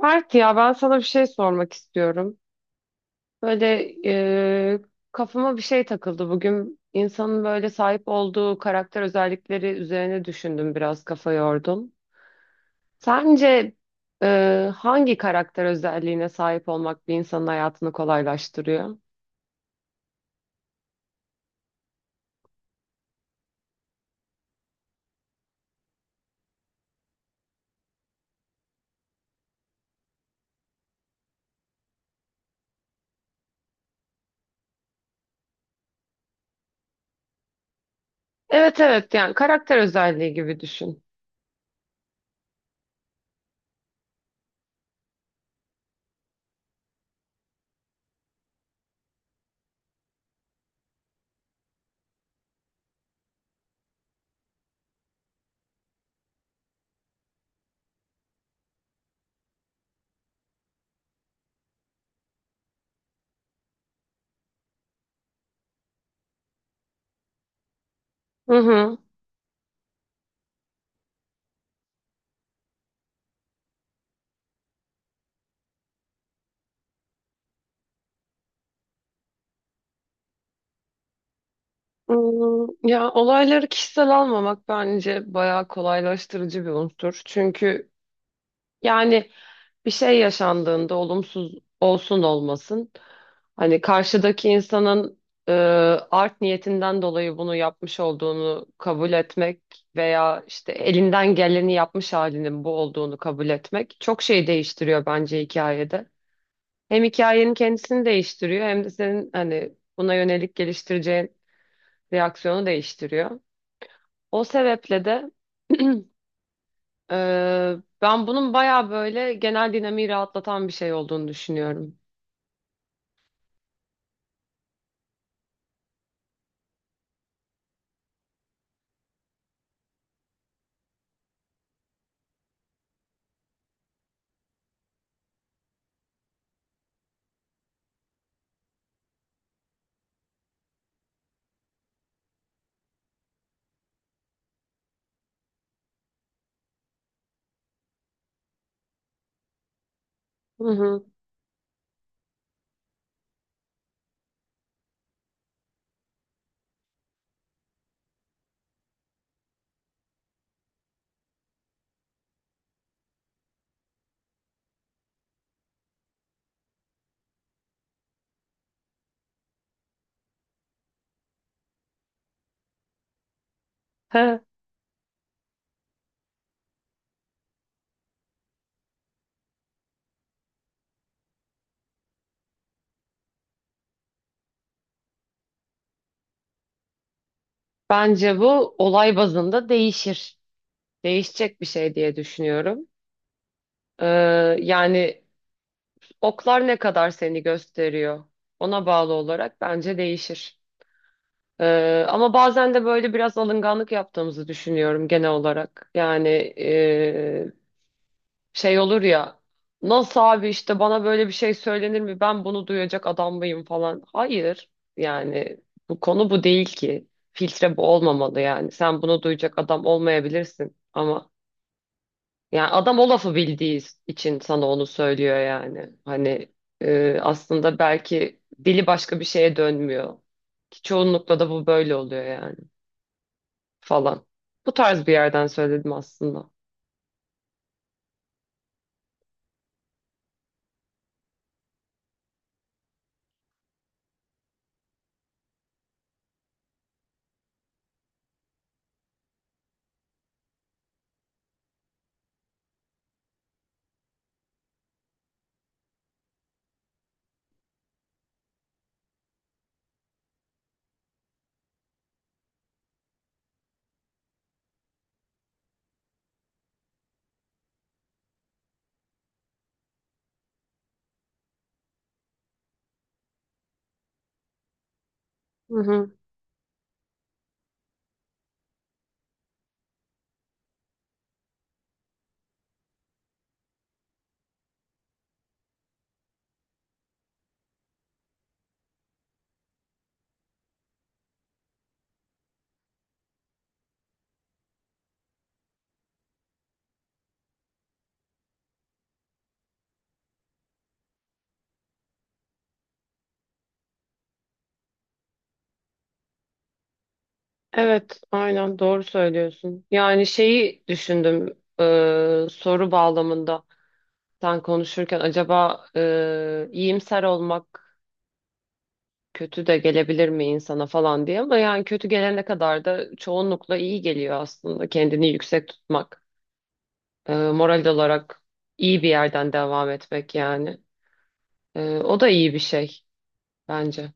Mert, ya ben sana bir şey sormak istiyorum. Böyle e, kafama bir şey takıldı bugün. İnsanın böyle sahip olduğu karakter özellikleri üzerine düşündüm, biraz kafa yordum. Sence hangi karakter özelliğine sahip olmak bir insanın hayatını kolaylaştırıyor? Evet evet, yani karakter özelliği gibi düşün. Hı hı. Hmm, ya olayları kişisel almamak bence bayağı kolaylaştırıcı bir unsur. Çünkü yani bir şey yaşandığında, olumsuz olsun olmasın, hani karşıdaki insanın e, art niyetinden dolayı bunu yapmış olduğunu kabul etmek veya işte elinden geleni yapmış halinin bu olduğunu kabul etmek çok şey değiştiriyor bence hikayede. Hem hikayenin kendisini değiştiriyor hem de senin hani buna yönelik geliştireceğin reaksiyonu değiştiriyor. O sebeple de e, ben bunun bayağı böyle genel dinamiği rahatlatan bir şey olduğunu düşünüyorum. Hı hı. He. Bence bu olay bazında değişir. Değişecek bir şey diye düşünüyorum. E, yani oklar ne kadar seni gösteriyor, ona bağlı olarak bence değişir. E, ama bazen de böyle biraz alınganlık yaptığımızı düşünüyorum genel olarak. Yani şey olur ya. Nasıl abi, işte bana böyle bir şey söylenir mi? Ben bunu duyacak adam mıyım falan. Hayır. Yani bu konu bu değil ki. Filtre bu olmamalı yani. Sen bunu duyacak adam olmayabilirsin ama yani adam o lafı bildiği için sana onu söylüyor yani. Hani aslında belki dili başka bir şeye dönmüyor. Ki çoğunlukla da bu böyle oluyor yani, falan. Bu tarz bir yerden söyledim aslında. Evet, aynen doğru söylüyorsun. Yani şeyi düşündüm, soru bağlamında sen konuşurken acaba iyimser olmak kötü de gelebilir mi insana falan diye, ama yani kötü gelene kadar da çoğunlukla iyi geliyor aslında kendini yüksek tutmak, moral olarak iyi bir yerden devam etmek yani. E, o da iyi bir şey bence.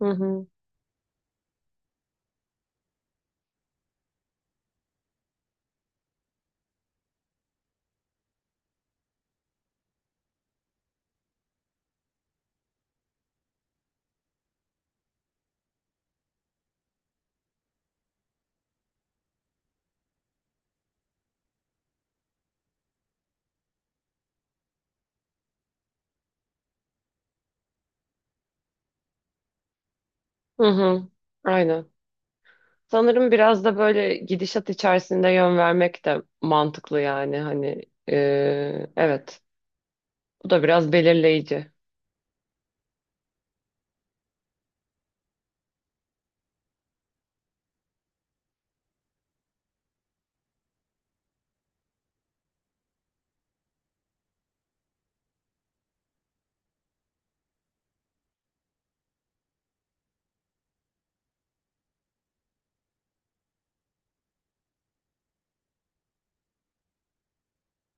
Hı hı. Hı hı. Aynen. Sanırım biraz da böyle gidişat içerisinde yön vermek de mantıklı yani, hani e, evet, bu da biraz belirleyici.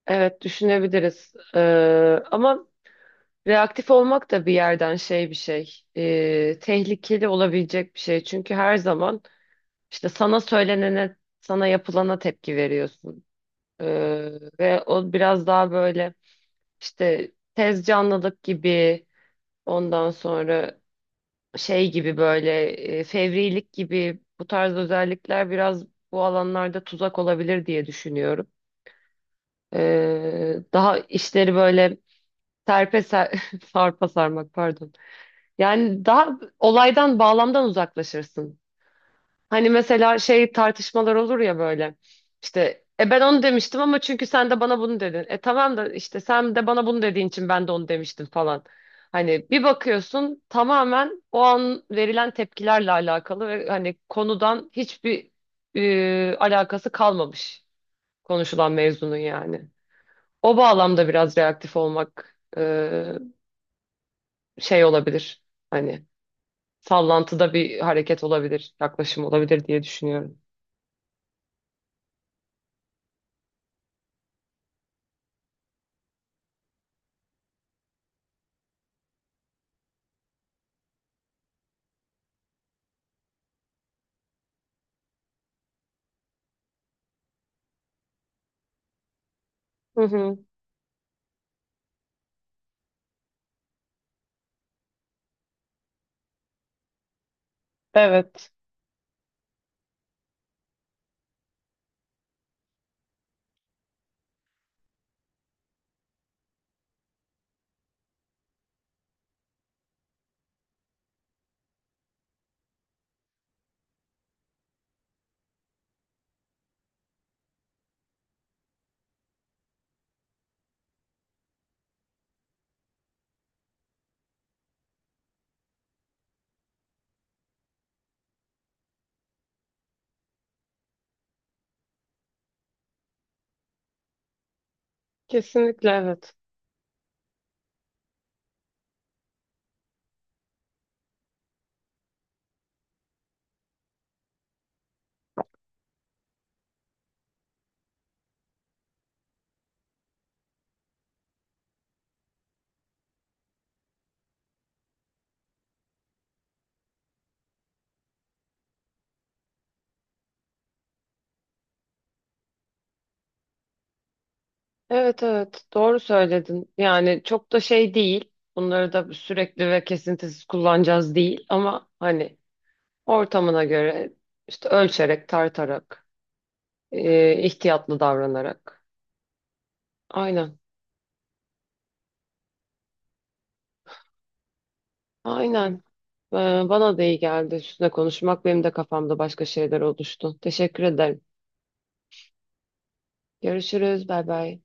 Evet düşünebiliriz. Ama reaktif olmak da bir yerden tehlikeli olabilecek bir şey, çünkü her zaman işte sana söylenene, sana yapılana tepki veriyorsun. E, ve o biraz daha böyle işte tez canlılık gibi, ondan sonra şey gibi, böyle fevrilik gibi, bu tarz özellikler biraz bu alanlarda tuzak olabilir diye düşünüyorum. Daha işleri böyle serpe ser, sarpa sarmak pardon. Yani daha olaydan, bağlamdan uzaklaşırsın. Hani mesela şey, tartışmalar olur ya böyle. İşte ben onu demiştim ama çünkü sen de bana bunu dedin. E tamam da işte sen de bana bunu dediğin için ben de onu demiştim falan. Hani bir bakıyorsun tamamen o an verilen tepkilerle alakalı ve hani konudan hiçbir alakası kalmamış konuşulan mevzunun yani. O bağlamda biraz reaktif olmak şey olabilir. Hani sallantıda bir hareket olabilir, yaklaşım olabilir diye düşünüyorum. Hı hı. Evet. Kesinlikle evet. Evet evet, doğru söyledin. Yani çok da şey değil. Bunları da sürekli ve kesintisiz kullanacağız değil ama hani, ortamına göre işte ölçerek, tartarak, ihtiyatlı davranarak. Aynen. Aynen. Ee, bana da iyi geldi üstüne konuşmak. Benim de kafamda başka şeyler oluştu. Teşekkür ederim. Görüşürüz. Bay bay.